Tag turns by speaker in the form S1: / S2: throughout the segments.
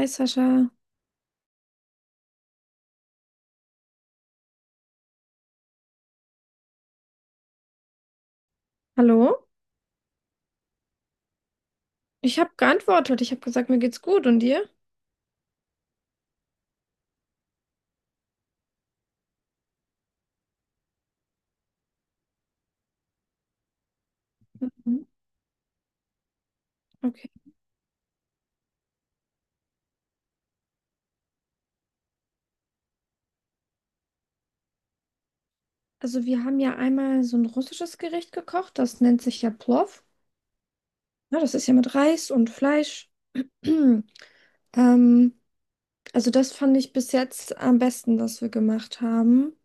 S1: Hi Sascha, hallo? Ich habe geantwortet. Ich habe gesagt, mir geht's gut und dir? Mhm. Okay. Also wir haben ja einmal so ein russisches Gericht gekocht, das nennt sich ja Plov. Ja, das ist ja mit Reis und Fleisch. Ähm, also das fand ich bis jetzt am besten, was wir gemacht haben.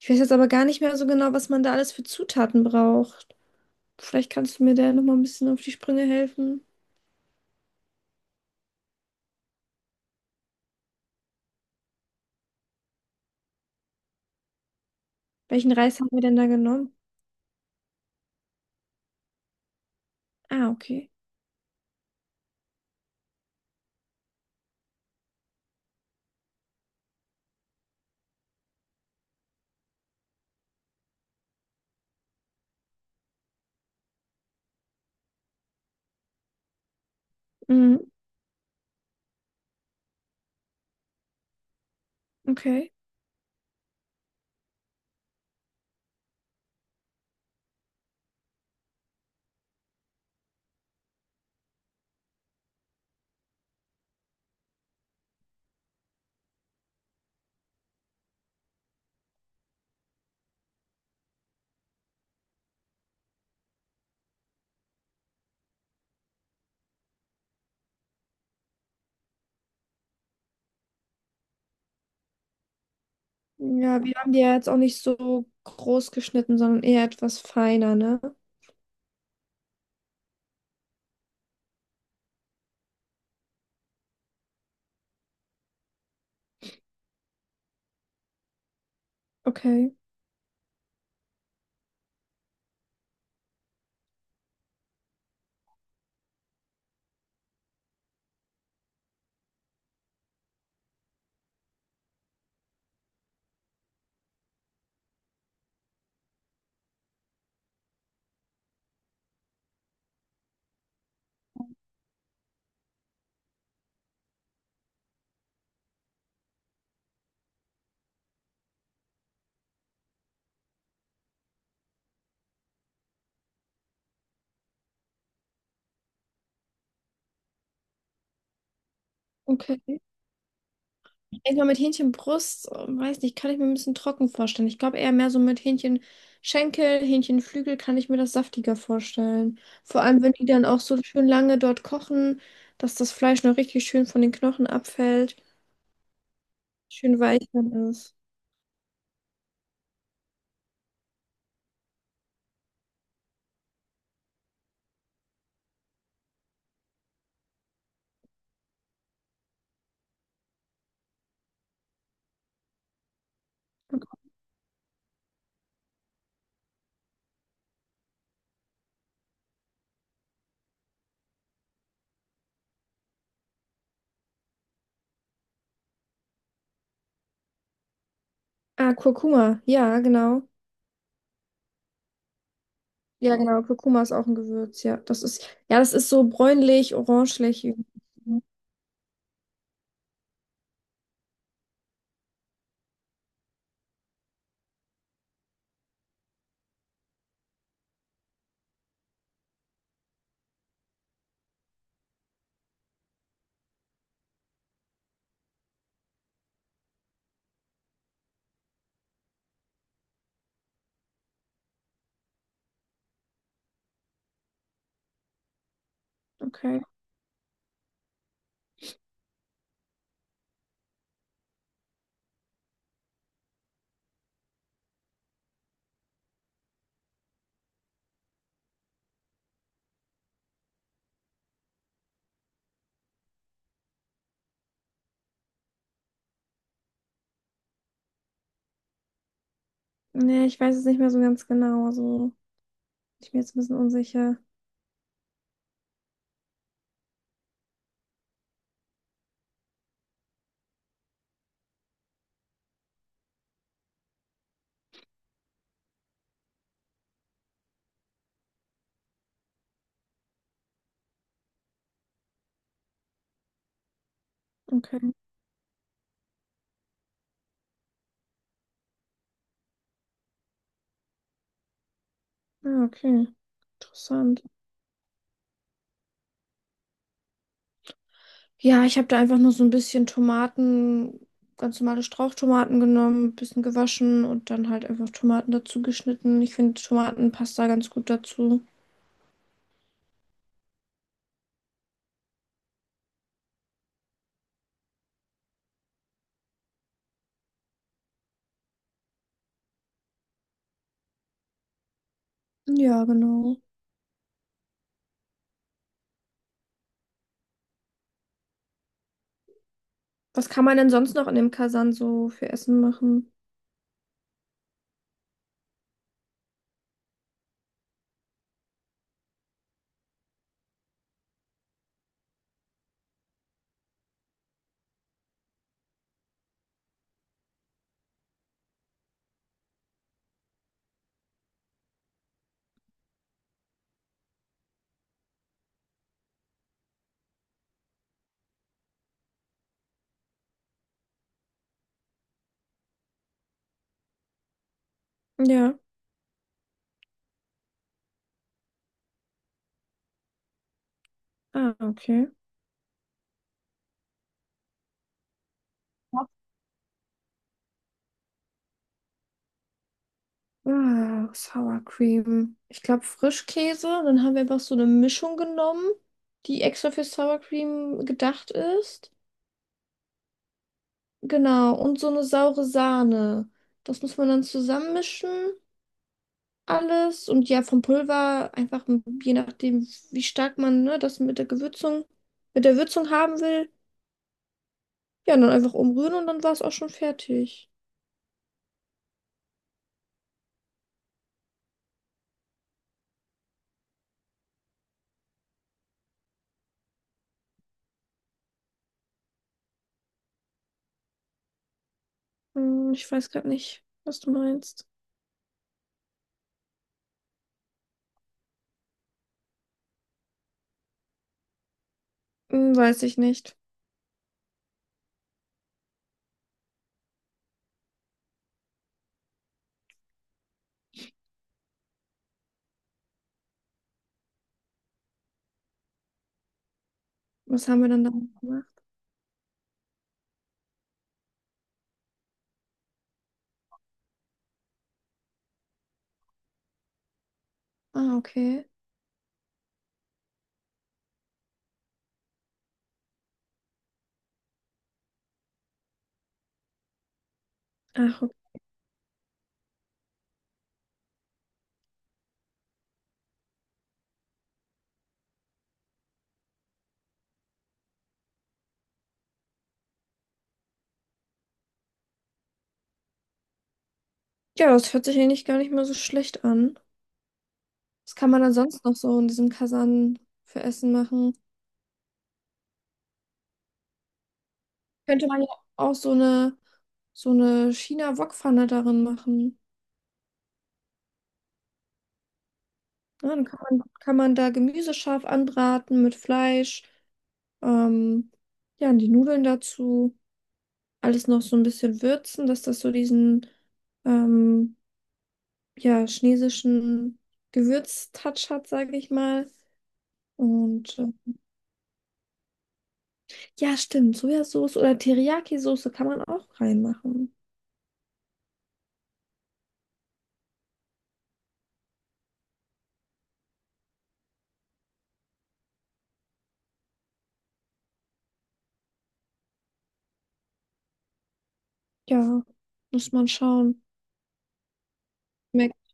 S1: Ich weiß jetzt aber gar nicht mehr so genau, was man da alles für Zutaten braucht. Vielleicht kannst du mir da nochmal ein bisschen auf die Sprünge helfen. Welchen Reis haben wir denn da genommen? Ah, okay. Mhm, okay. Ja, wir haben die ja jetzt auch nicht so groß geschnitten, sondern eher etwas feiner, ne? Okay, okay. Ich denke mal, mit Hähnchenbrust, weiß nicht, kann ich mir ein bisschen trocken vorstellen. Ich glaube eher mehr so mit Hähnchenschenkel, Hähnchenflügel kann ich mir das saftiger vorstellen. Vor allem, wenn die dann auch so schön lange dort kochen, dass das Fleisch noch richtig schön von den Knochen abfällt, schön weich dann ist. Ah, Kurkuma, ja, genau. Ja, genau, Kurkuma ist auch ein Gewürz, ja. Das ist, ja, das ist so bräunlich, orangelich. Okay. Nee, ich weiß es nicht mehr so ganz genau. Also, ich bin jetzt ein bisschen unsicher. Okay. Ah, okay. Interessant. Ja, ich habe da einfach nur so ein bisschen Tomaten, ganz normale Strauchtomaten genommen, ein bisschen gewaschen und dann halt einfach Tomaten dazu geschnitten. Ich finde Tomatenpasta ganz gut dazu. Ja, genau. Was kann man denn sonst noch in dem Kasan so für Essen machen? Ja. Ah, okay. Ah, Sour Cream. Ich glaube Frischkäse. Dann haben wir einfach so eine Mischung genommen, die extra für Sour Cream gedacht ist. Genau, und so eine saure Sahne. Das muss man dann zusammenmischen, alles. Und ja, vom Pulver einfach, je nachdem, wie stark man, ne, das mit der Gewürzung, mit der Würzung haben will. Ja, und dann einfach umrühren und dann war es auch schon fertig. Hm, ich weiß gerade nicht, was du meinst. Hm, weiß ich nicht. Was haben wir dann da gemacht? Ah, okay. Ach. Ja, das hört sich eigentlich gar nicht mal so schlecht an. Was kann man dann sonst noch so in diesem Kasan für Essen machen? Könnte man ja auch so eine China-Wokpfanne darin machen. Ja, dann kann man da Gemüse scharf anbraten mit Fleisch. Ähm, ja, und die Nudeln dazu. Alles noch so ein bisschen würzen, dass das so diesen ähm, ja, chinesischen Gewürztouch hat, sage ich mal. Und ja, stimmt. Sojasauce oder Teriyaki-Soße kann man auch reinmachen. Ja, muss man schauen. Merk-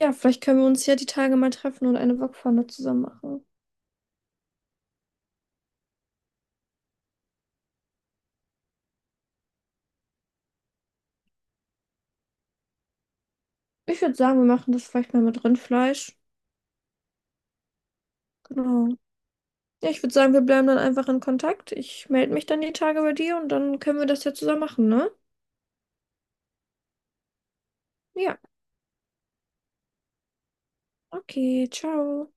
S1: Ja, vielleicht können wir uns ja die Tage mal treffen und eine Wokpfanne zusammen machen. Ich würde sagen, wir machen das vielleicht mal mit Rindfleisch. Genau. Ja, ich würde sagen, wir bleiben dann einfach in Kontakt. Ich melde mich dann die Tage bei dir und dann können wir das ja zusammen machen, ne? Ja, okay, ciao.